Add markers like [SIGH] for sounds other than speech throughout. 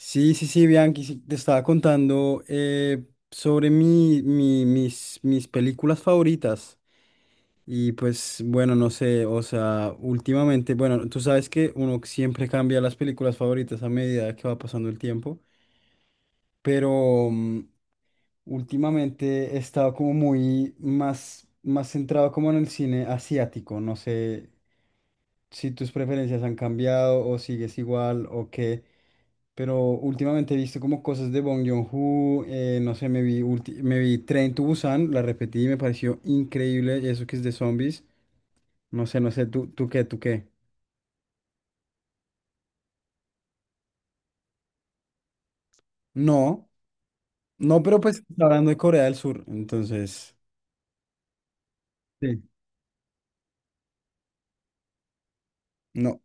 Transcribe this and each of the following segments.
Sí, sí, sí, Bianchi, sí, te estaba contando sobre mis películas favoritas. Y pues, bueno, no sé, o sea, últimamente, bueno, tú sabes que uno siempre cambia las películas favoritas a medida que va pasando el tiempo, pero últimamente he estado como muy más centrado como en el cine asiático. No sé si tus preferencias han cambiado o sigues igual o qué. Pero últimamente he visto como cosas de Bong Joon-ho, no sé, me vi Train to Busan, la repetí y me pareció increíble eso que es de zombies. No sé, no sé, tú qué? No, no, pero pues está hablando de Corea del Sur, entonces, sí, no.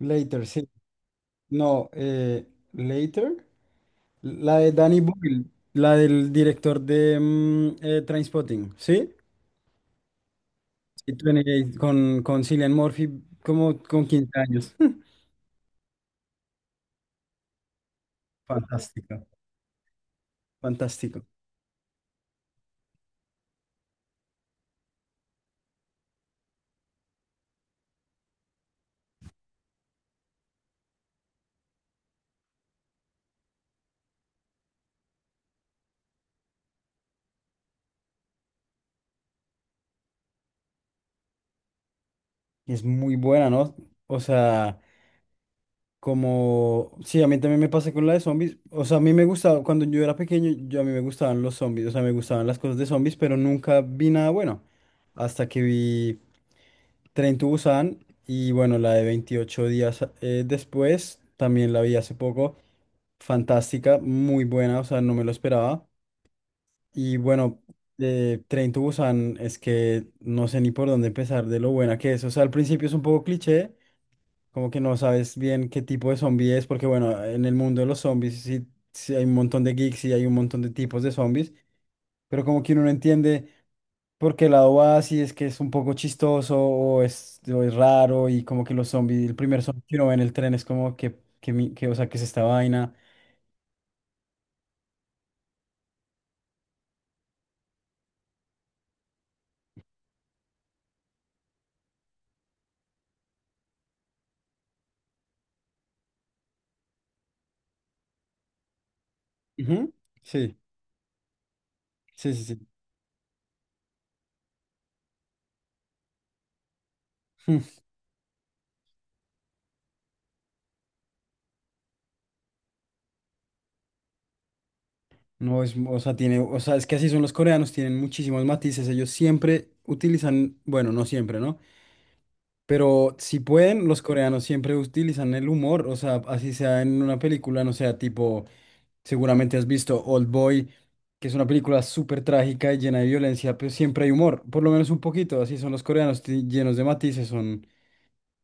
Later, sí. No, Later, la de Danny Boyle, la del director de Trainspotting, ¿sí? Sí, 28, con Cillian Murphy como con 15 años. [LAUGHS] Fantástico, fantástico. Es muy buena, ¿no? O sea, como... Sí, a mí también me pasa con la de zombies. O sea, a mí me gustaba, cuando yo era pequeño, yo a mí me gustaban los zombies, o sea, me gustaban las cosas de zombies, pero nunca vi nada bueno. Hasta que vi Tren to Busan y bueno, la de 28 días después, también la vi hace poco. Fantástica, muy buena, o sea, no me lo esperaba. Y bueno, Tren to Busan es que no sé ni por dónde empezar de lo buena que es. O sea, al principio es un poco cliché. Como que no sabes bien qué tipo de zombie es, porque bueno, en el mundo de los zombies sí, sí hay un montón de geeks y hay un montón de tipos de zombies, pero como que uno no entiende por qué lado va, si es que es un poco chistoso o o es raro y como que los zombies, el primer zombie que uno ve en el tren es como o sea, que es esta vaina. Ujú, sí, sí, sí, sí. Mm, no es, o sea, tiene, o sea, es que así son los coreanos, tienen muchísimos matices, ellos siempre utilizan, bueno, no siempre, ¿no? Pero si pueden, los coreanos siempre utilizan el humor, o sea, así sea en una película, no sea tipo, seguramente has visto Old Boy, que es una película súper trágica y llena de violencia, pero siempre hay humor, por lo menos un poquito, así son los coreanos, llenos de matices,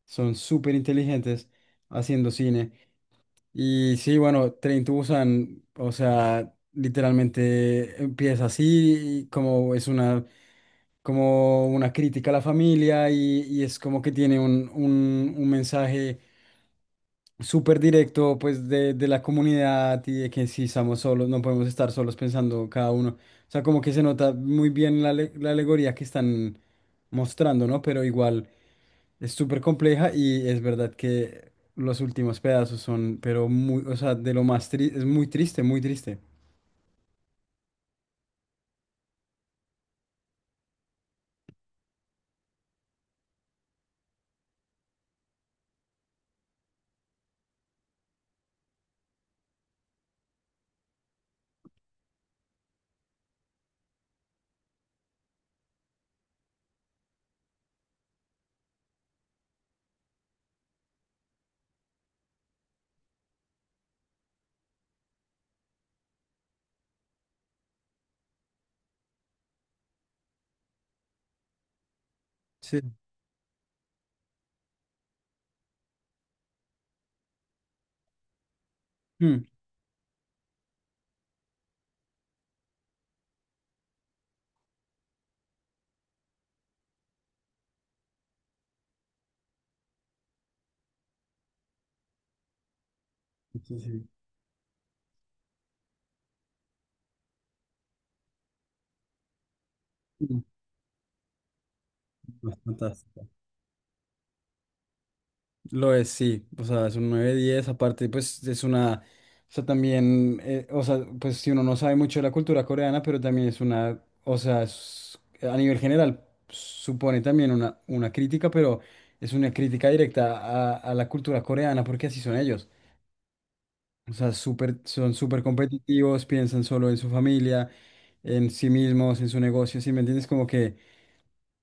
son súper inteligentes haciendo cine. Y sí, bueno, Train to Busan, o sea, literalmente empieza así, y como es una como una crítica a la familia y es como que tiene un mensaje súper directo pues de la comunidad y de que si estamos solos, no podemos estar solos pensando cada uno. O sea, como que se nota muy bien la alegoría que están mostrando, ¿no? Pero igual es súper compleja y es verdad que los últimos pedazos son, pero muy, o sea, de lo más triste, es muy triste, muy triste. Sí. Mm. Sí, sí. Mm. Fantástico. Lo es, sí. O sea, es un 9/10. Aparte, pues es una. O sea, también. O sea, pues si uno no sabe mucho de la cultura coreana, pero también es una. O sea, a nivel general, supone también una crítica, pero es una crítica directa a la cultura coreana, porque así son ellos. O sea, súper, son súper competitivos, piensan solo en su familia, en sí mismos, en su negocio. ¿Sí me entiendes? Como que.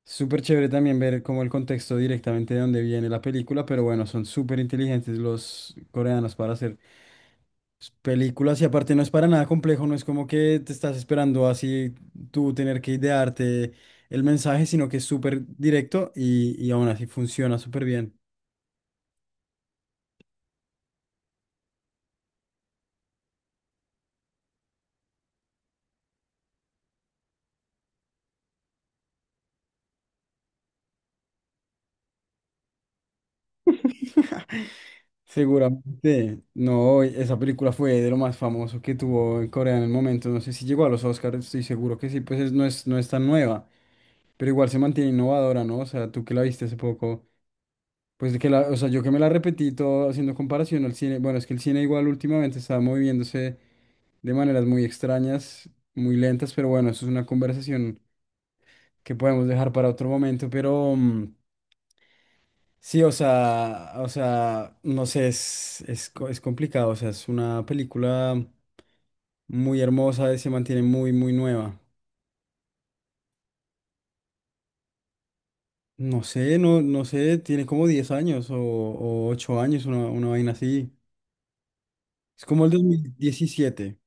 Súper chévere también ver como el contexto directamente de dónde viene la película, pero bueno, son súper inteligentes los coreanos para hacer películas y aparte no es para nada complejo, no es como que te estás esperando así tú tener que idearte el mensaje, sino que es súper directo y aún así funciona súper bien. [LAUGHS] Seguramente, no, esa película fue de lo más famoso que tuvo en Corea en el momento, no sé si llegó a los Oscars, estoy seguro que sí, pues no es, no es tan nueva. Pero igual se mantiene innovadora, ¿no? O sea, tú que la viste hace poco, pues de que la, o sea, yo que me la repetí todo haciendo comparación al cine, bueno, es que el cine igual últimamente estaba moviéndose de maneras muy extrañas, muy lentas, pero bueno, eso es una conversación que podemos dejar para otro momento, pero sí, o sea, no sé, es complicado, o sea, es una película muy hermosa y se mantiene muy, muy nueva. No sé, no, no sé, tiene como 10 años o 8 años, una vaina así. Es como el 2017.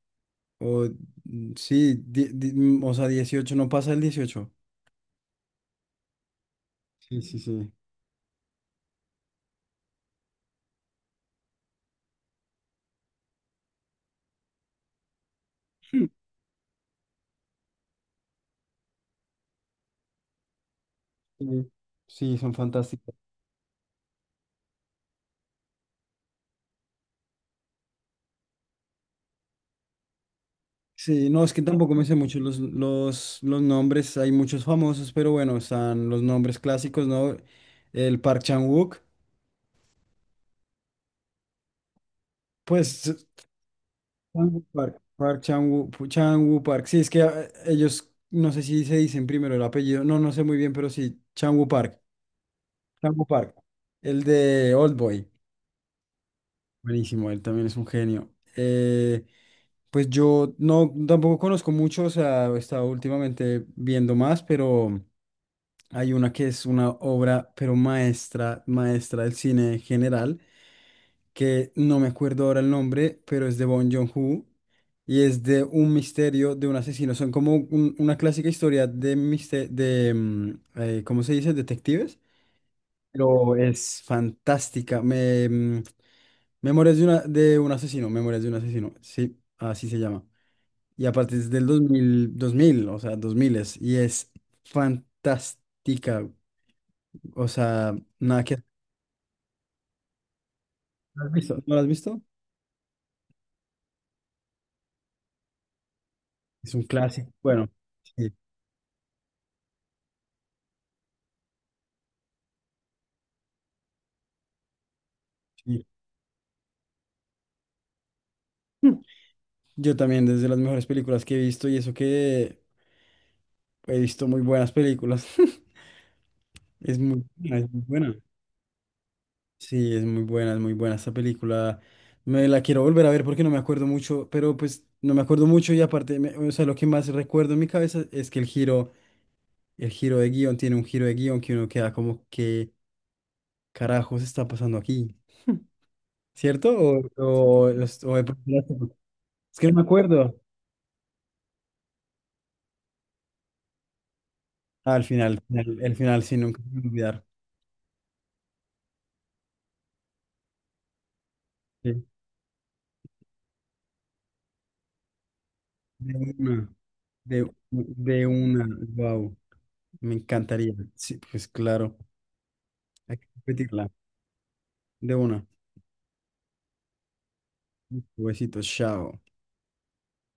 O sí, o sea, 18, no pasa el 18. Sí, sí, sí. Sí, sí, son fantásticos. Sí, no, es que tampoco me sé mucho los nombres. Hay muchos famosos, pero bueno, están los nombres clásicos, ¿no? El Park Chan-wook. Pues, s- Chan-wook Park, Park Chan-wook, Chan-wook Park. Sí, es que ellos, no sé si se dicen primero el apellido. No, no sé muy bien, pero sí, Chan-wook Park. Chan-wook Park. El de Oldboy. Buenísimo, él también es un genio. Eh, pues yo no tampoco conozco mucho, o sea, he estado últimamente viendo más, pero hay una que es una obra, pero maestra, maestra del cine general, que no me acuerdo ahora el nombre, pero es de Bong Joon-ho y es de un misterio de un asesino. Son como una clásica historia de, ¿cómo se dice? Detectives. Pero es fantástica. Memorias de, una, de un asesino, Memorias de un asesino, sí, así se llama. Y aparte es del dos mil dos mil o sea, 2000 es, y es fantástica. O sea, nada que... ¿Lo has visto? ¿No la has visto? Es un clásico. Bueno, sí, sí. Mm. Yo también, desde las mejores películas que he visto, y eso que he visto muy buenas películas. [LAUGHS] Es muy buena, es muy buena. Sí, es muy buena esta película. Me la quiero volver a ver porque no me acuerdo mucho, pero pues no me acuerdo mucho y aparte, o sea, lo que más recuerdo en mi cabeza es que el giro de guión tiene un giro de guión que uno queda como, ¿qué carajos está pasando aquí? ¿Cierto? O, es o de pronto ya es que no me acuerdo. Ah, al final, final sí, nunca me voy a olvidar. Sí, de una, de una, wow, me encantaría. Sí, pues claro, hay que repetirla, de una. Huesitos, chao.